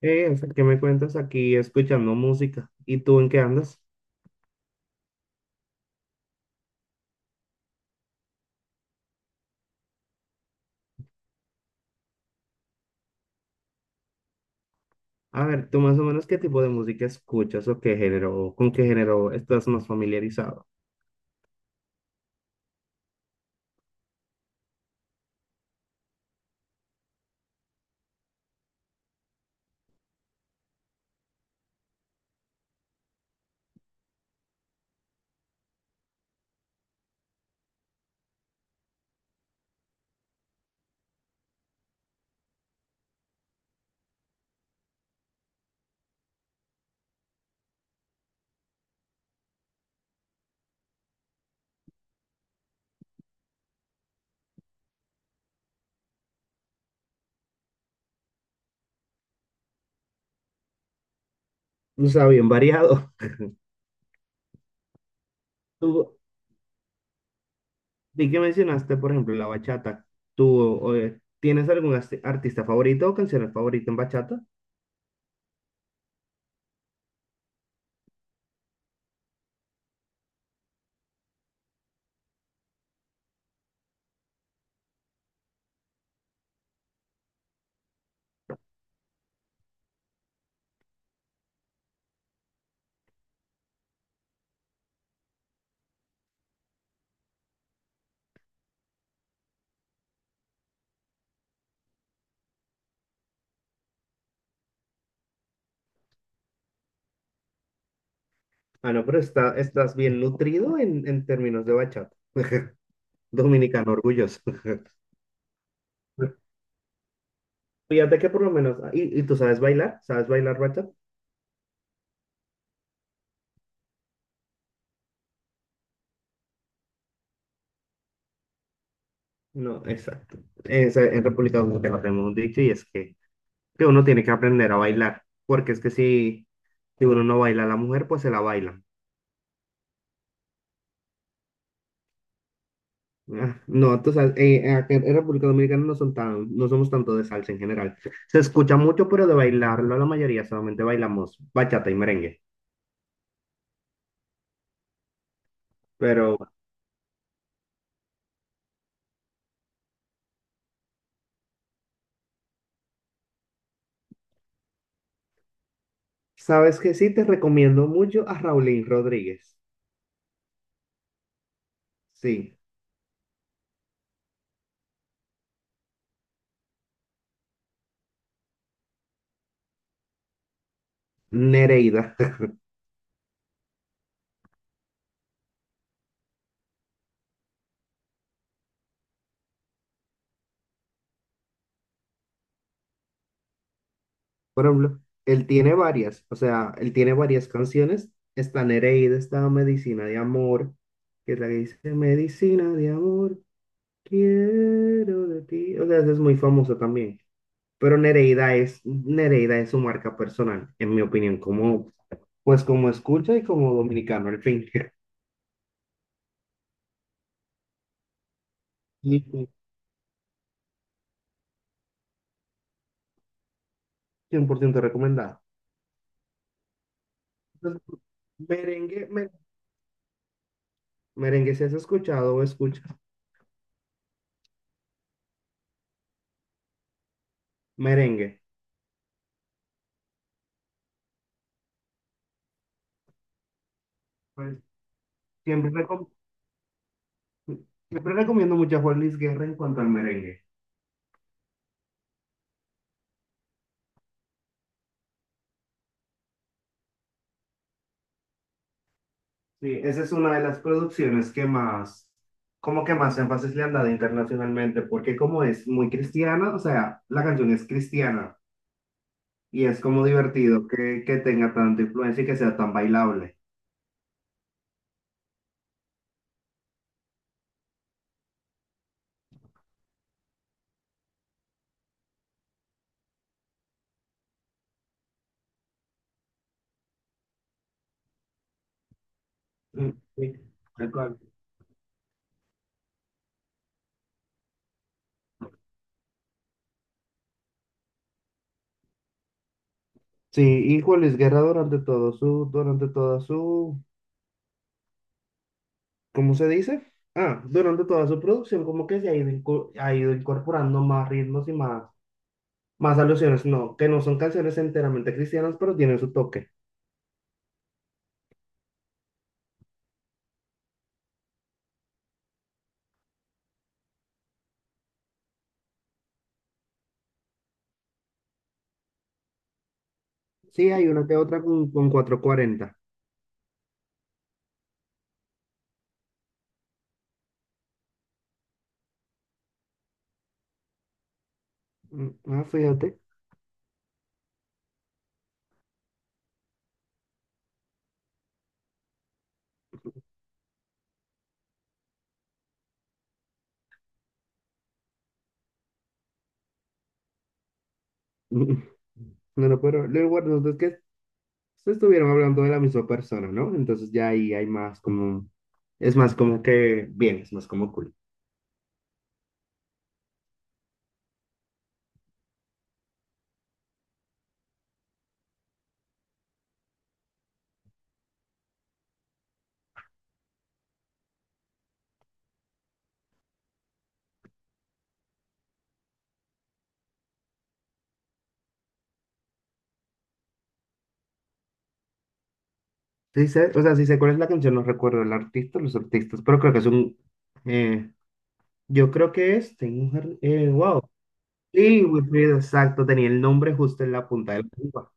¿Qué me cuentas aquí escuchando música? ¿Y tú en qué andas? A ver, tú más o menos qué tipo de música escuchas o qué género, o con qué género estás más familiarizado. O sea, bien variado. Tú, vi que mencionaste, por ejemplo, la bachata. ¿Tú o, tienes algún artista favorito o canción favorita en bachata? Ah, no, pero estás bien nutrido en términos de bachata. Dominicano orgulloso. Fíjate que por lo menos, ah, y tú sabes bailar? ¿Sabes bailar bachata? No, exacto. En República Dominicana tenemos un dicho y es que uno tiene que aprender a bailar, porque es que si, si uno no baila a la mujer, pues se la bailan. Ah, no, tú sabes, acá en República Dominicana no son tan, no somos tanto de salsa en general. Se escucha mucho, pero de bailarlo la mayoría solamente bailamos bachata y merengue. Pero sabes que sí, te recomiendo mucho a Raulín Rodríguez. Sí, Nereida. Por ejemplo, él tiene varias, o sea, él tiene varias canciones. Está Nereida, está Medicina de Amor, que es la que dice Medicina de Amor, quiero de ti. O sea, ese es muy famoso también. Pero Nereida Nereida es su marca personal, en mi opinión, como, pues como escucha y como dominicano, al fin. Y 100% recomendado. Entonces, merengue, merengue, si has escuchado o escuchas merengue, pues siempre, recom- siempre recomiendo mucho a Juan Luis Guerra en cuanto al merengue. Sí, esa es una de las producciones que más, como que más énfasis le han dado internacionalmente, porque como es muy cristiana, o sea, la canción es cristiana y es como divertido que tenga tanta influencia y que sea tan bailable. Mm, sí, tal cual. Sí, y Juan Luis Guerra durante todo durante toda su ¿cómo se dice? Ah, durante toda su producción como que se ha ha ido incorporando más ritmos y más, más alusiones, no, que no son canciones enteramente cristianas, pero tienen su toque. Sí, hay una que otra con 440. Mm, ah, fíjate. Mm, no, no, pero lo importante es que se estuvieron hablando de la misma persona, ¿no? Entonces ya ahí hay más como, es más como que, bien, es más como cool. Sí sé, o sea, sí sé cuál es la canción, no recuerdo el artista, los artistas, pero creo que es un, eh, yo creo que es, tengo un, jardín, wow. Sí, Wilfrido, exacto, tenía el nombre justo en la punta de la lengua.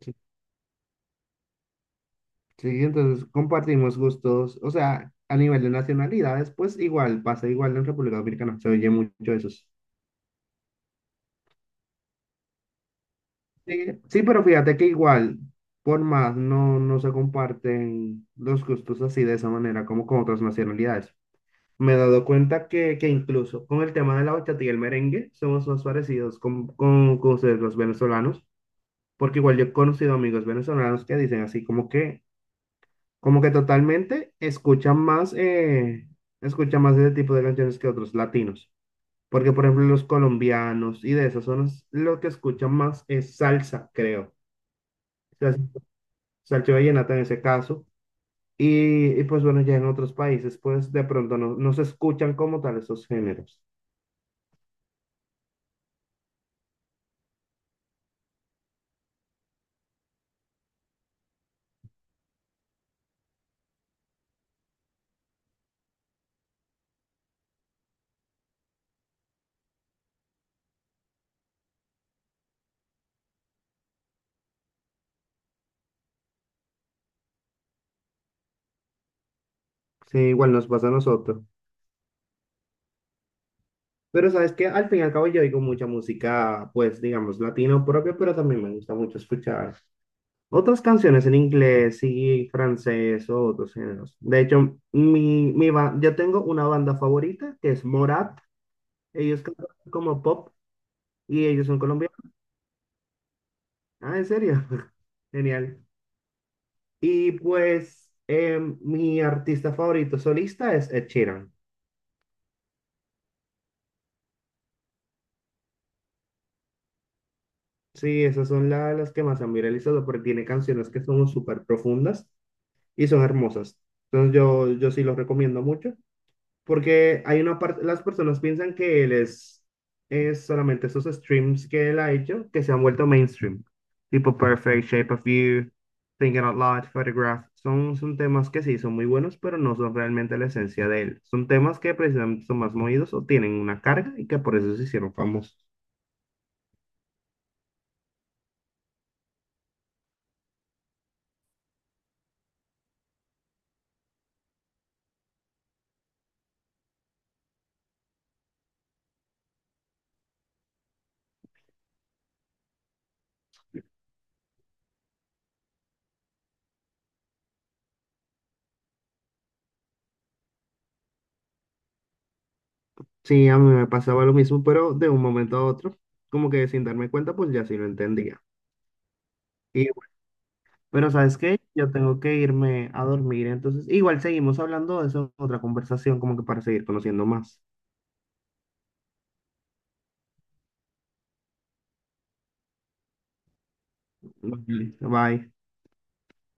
Sí, sí, entonces compartimos gustos, o sea, a nivel de nacionalidades, pues igual, pasa igual en República Dominicana, se oye mucho eso. Sí, sí, pero fíjate que igual, por más, no, no se comparten los gustos así de esa manera como con otras nacionalidades. Me he dado cuenta que incluso con el tema de la bachata y el merengue somos más parecidos con ustedes los venezolanos, porque igual yo he conocido amigos venezolanos que dicen así como que como que totalmente escuchan más ese tipo de canciones que otros latinos. Porque, por ejemplo, los colombianos y de esas zonas, lo que escuchan más es salsa, creo. O sea, salsa y vallenata en ese caso. Y, pues bueno, ya en otros países, pues de pronto no, no se escuchan como tal esos géneros. Sí, igual nos pasa a nosotros. Pero sabes que al fin y al cabo yo oigo mucha música, pues digamos, latino propio, pero también me gusta mucho escuchar otras canciones en inglés y francés o otros géneros. De hecho, mi yo tengo una banda favorita que es Morat. Ellos cantan como pop y ellos son colombianos. Ah, ¿en serio? Genial. Y pues em, mi artista favorito solista es Ed Sheeran. Sí, esas son las que más han viralizado porque tiene canciones que son súper profundas y son hermosas. Entonces yo sí los recomiendo mucho. Porque hay una parte, las personas piensan que él es solamente esos streams que él ha hecho que se han vuelto mainstream. Tipo Perfect, Shape of You, Thinking Out Loud, Photograph. Son, son temas que sí son muy buenos, pero no son realmente la esencia de él. Son temas que precisamente son más movidos o tienen una carga y que por eso se hicieron famosos. Sí, a mí me pasaba lo mismo, pero de un momento a otro, como que sin darme cuenta, pues ya sí lo entendía. Y pero ¿sabes qué? Yo tengo que irme a dormir, entonces igual seguimos hablando de eso en otra conversación, como que para seguir conociendo más. Ujú. Bye.